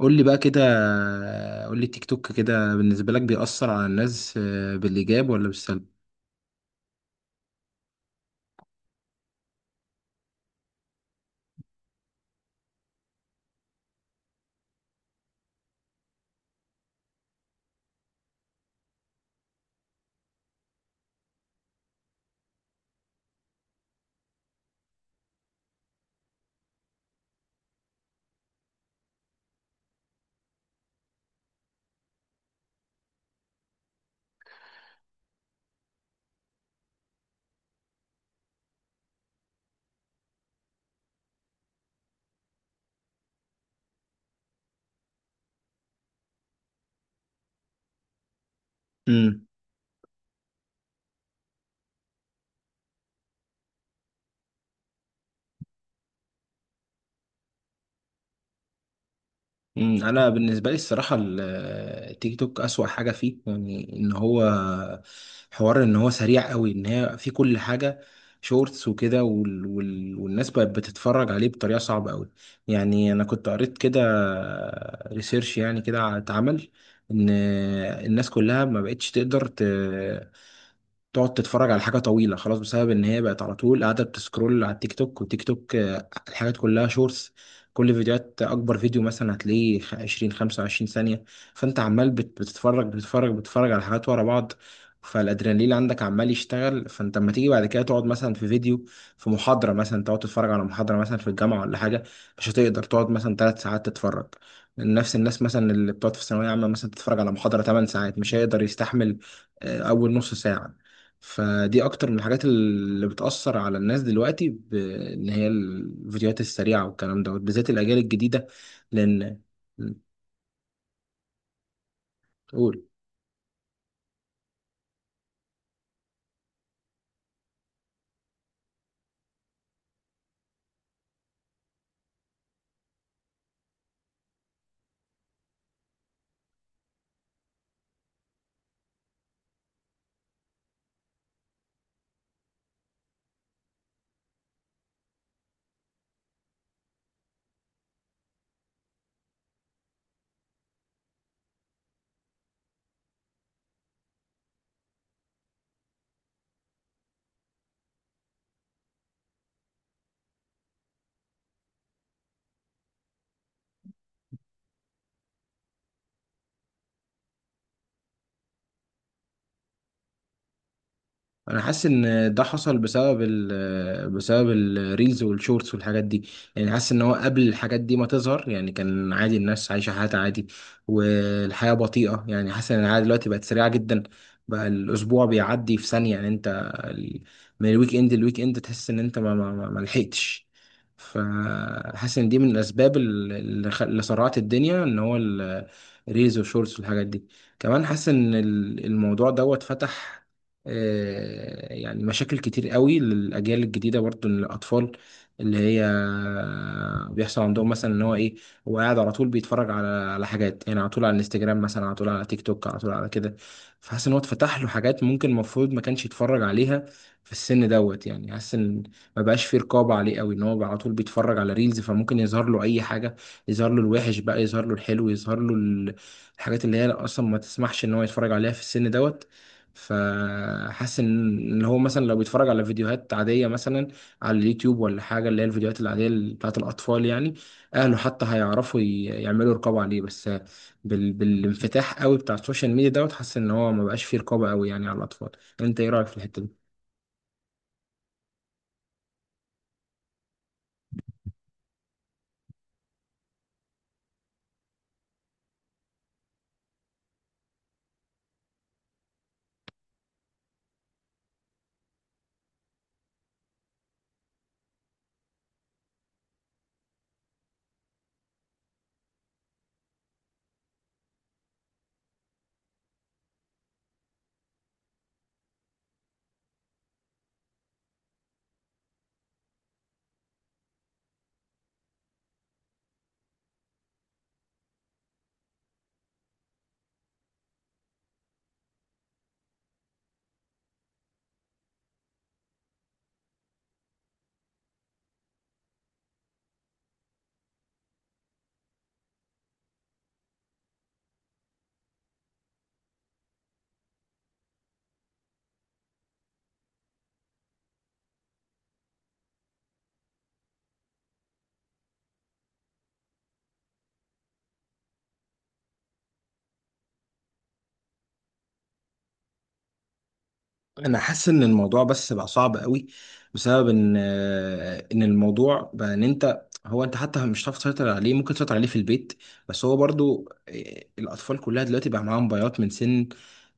قول لي بقى كده. قول لي التيك توك كده بالنسبة لك بيأثر على الناس بالإيجاب ولا بالسلب؟ امم أنا بالنسبة لي الصراحة التيك توك أسوأ حاجة فيه، يعني إن هو حوار إن هو سريع قوي، إن هي في كل حاجة شورتس وكده والناس بقت بتتفرج عليه بطريقة صعبة قوي. يعني أنا كنت قريت كده ريسيرش يعني كده اتعمل إن الناس كلها ما بقتش تقدر تقعد تتفرج على حاجة طويلة خلاص، بسبب إن هي بقت على طول قاعدة بتسكرول على التيك توك، والتيك توك الحاجات كلها شورتس. كل فيديوهات أكبر فيديو مثلا هتلاقيه 20 25 ثانية. فأنت عمال بتتفرج بتتفرج على حاجات ورا بعض، فالأدرينالين عندك عمال يشتغل. فأنت لما تيجي بعد كده تقعد مثلا في فيديو، في محاضرة مثلا، تقعد تتفرج على محاضرة مثلا في الجامعة ولا حاجة، مش هتقدر تقعد مثلا 3 ساعات تتفرج. نفس الناس مثلا اللي بتقعد في الثانوية عامة مثلا تتفرج على محاضرة 8 ساعات مش هيقدر يستحمل أول ½ ساعة. فدي اكتر من الحاجات اللي بتأثر على الناس دلوقتي، بان هي الفيديوهات السريعة والكلام دوت، بالذات الاجيال الجديدة. لان قول. انا حاسس ان ده حصل بسبب بسبب الريلز والشورتس والحاجات دي. يعني حاسس ان هو قبل الحاجات دي ما تظهر، يعني كان عادي الناس عايشه حياتها عادي والحياه بطيئه. يعني حاسس ان العاده دلوقتي بقت سريعه جدا، بقى الاسبوع بيعدي في ثانيه. يعني انت ال- من الويك اند للويك اند تحس ان انت ما لحقتش. فحاسس ان دي من الاسباب اللي اللي سرعت الدنيا، ان هو الريلز والشورتس والحاجات دي. كمان حاسس ان الموضوع دوت فتح يعني مشاكل كتير قوي للأجيال الجديدة، برضه للأطفال، اللي هي بيحصل عندهم مثلا إن هو إيه. هو قاعد على طول بيتفرج على حاجات، يعني على طول على الانستجرام مثلا، على طول على تيك توك، على طول على كده. فحاسس إن هو اتفتح له حاجات ممكن المفروض ما كانش يتفرج عليها في السن دوت. يعني حاسس إن ما بقاش فيه رقابة عليه قوي، إن هو بقى على طول بيتفرج على ريلز فممكن يظهر له أي حاجة. يظهر له الوحش بقى، يظهر له الحلو، يظهر له الحاجات اللي هي أصلا ما تسمحش إن هو يتفرج عليها في السن دوت. فحاسس إن هو مثلا لو بيتفرج على فيديوهات عاديه مثلا على اليوتيوب ولا حاجه، اللي هي الفيديوهات العاديه اللي بتاعت الاطفال يعني، اهله حتى هيعرفوا يعملوا رقابه عليه. بس بالانفتاح قوي بتاع السوشيال ميديا دوت، حاسس ان هو ما بقاش فيه رقابه قوي يعني على الاطفال. انت ايه رايك في الحته دي؟ انا حاسس ان الموضوع بس بقى صعب قوي، بسبب ان ان الموضوع بقى ان انت هو انت حتى مش هتعرف تسيطر عليه. ممكن تسيطر عليه في البيت، بس هو برضو إيه، الاطفال كلها دلوقتي بقى معاها موبايلات من سن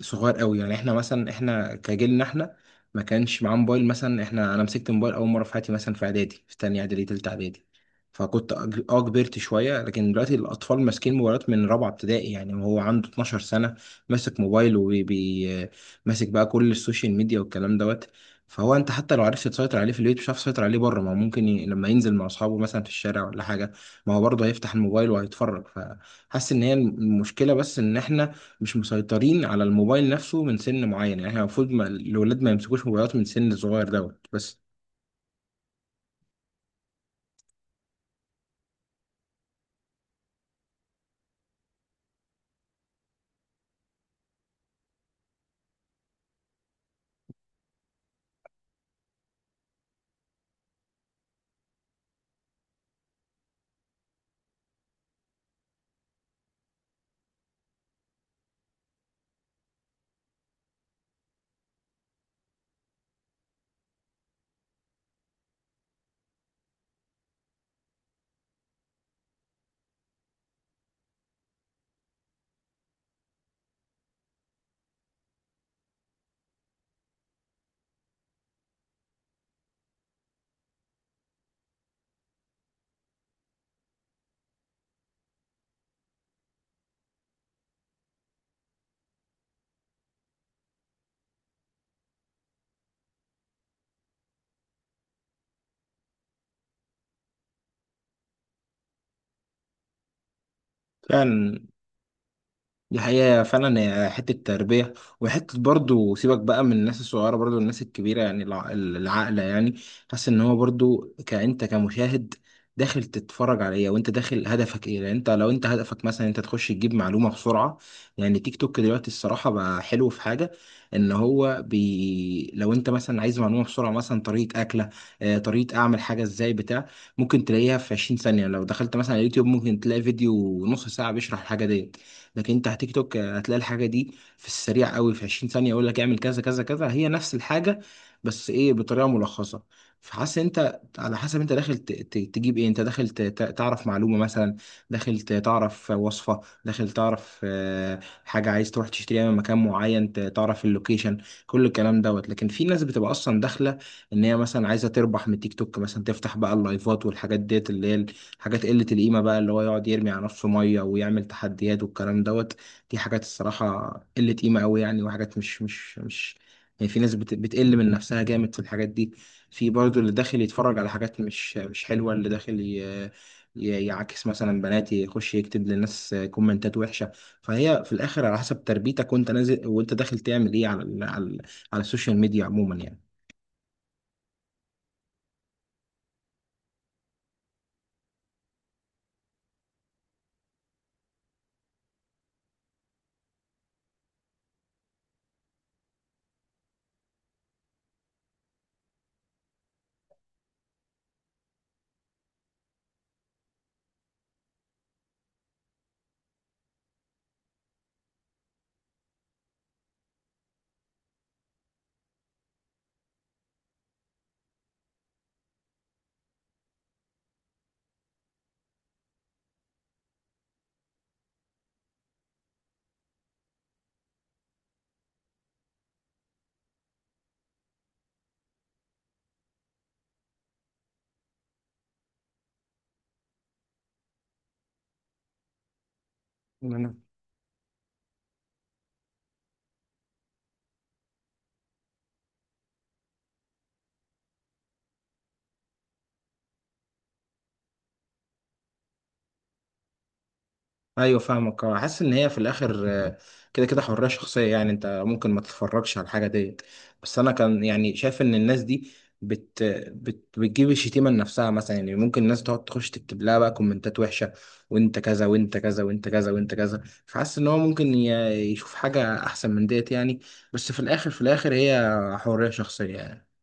صغير قوي. يعني احنا مثلا، احنا كجيلنا، احنا ما كانش معاه موبايل مثلا. احنا انا مسكت موبايل اول مره في حياتي مثلا في اعدادي، في تانية اعدادي، تالتة اعدادي. فكنت اه كبرت شويه، لكن دلوقتي الاطفال ماسكين موبايلات من رابعه ابتدائي يعني، وهو عنده 12 سنه ماسك موبايل ماسك بقى كل السوشيال ميديا والكلام دوت. فهو انت حتى لو عرفت تسيطر عليه في البيت، مش عارف تسيطر عليه بره. ما هو ممكن لما ينزل مع اصحابه مثلا في الشارع ولا حاجه، ما هو برضه هيفتح الموبايل وهيتفرج. فحاسس ان هي المشكله بس ان احنا مش مسيطرين على الموبايل نفسه من سن معين. يعني احنا المفروض ما... الولاد ما يمسكوش موبايلات من سن صغير دوت بس. فعلا، دي حقيقة. فعلا هي حتة تربية وحتة، برضو سيبك بقى من الناس الصغيرة، برضو الناس الكبيرة، يعني العقلة يعني. حاسس ان هو برضو كأنت كمشاهد، داخل تتفرج على ايه وانت داخل هدفك ايه. لان انت لو انت هدفك مثلا انت تخش تجيب معلومة بسرعة، يعني تيك توك دلوقتي الصراحة بقى حلو في حاجة، ان هو بي لو انت مثلا عايز معلومة بسرعة، مثلا طريقة اكلة طريقة اعمل حاجة ازاي بتاع، ممكن تلاقيها في 20 ثانية. لو دخلت مثلا على يوتيوب ممكن تلاقي فيديو نص ساعة بيشرح الحاجة دي، لكن انت على تيك توك هتلاقي الحاجه دي في السريع قوي، في 20 ثانيه يقول لك اعمل كذا كذا كذا. هي نفس الحاجه بس ايه، بطريقه ملخصه. فحاسس انت على حسب انت داخل تجيب ايه، انت داخل تعرف معلومه مثلا، داخل تعرف وصفه، داخل تعرف حاجه عايز تروح تشتريها من مكان معين، تعرف اللوكيشن، كل الكلام دوت. لكن في ناس بتبقى اصلا داخله ان هي مثلا عايزه تربح من تيك توك مثلا، تفتح بقى اللايفات والحاجات ديت اللي هي حاجات قلة القيمة بقى، اللي هو يقعد يرمي على نفسه مية ويعمل تحديات والكلام دوت. دي حاجات الصراحة قلة قيمة أوي يعني، وحاجات مش يعني، في ناس بتقل من نفسها جامد في الحاجات دي. في برضه اللي داخل يتفرج على حاجات مش حلوة، اللي داخل يعاكس مثلا بنات، يخش يكتب للناس كومنتات وحشة. فهي في الآخر على حسب تربيتك، وأنت نازل وأنت داخل تعمل إيه على على السوشيال ميديا عموما يعني. ايوه فاهمك، اه حاسس ان هي في الاخر كده كده حريه شخصيه يعني. انت ممكن ما تتفرجش على الحاجه ديت، بس انا كان يعني شايف ان الناس دي بت بت بتجيب الشتيمه لنفسها مثلا يعني. ممكن الناس تقعد تخش تكتب لها بقى كومنتات وحشه، وانت كذا وانت كذا وانت كذا وانت كذا. فحاسس ان هو ممكن يشوف حاجه احسن من ديت يعني. بس في الاخر، في الاخر، هي حريه شخصيه يعني.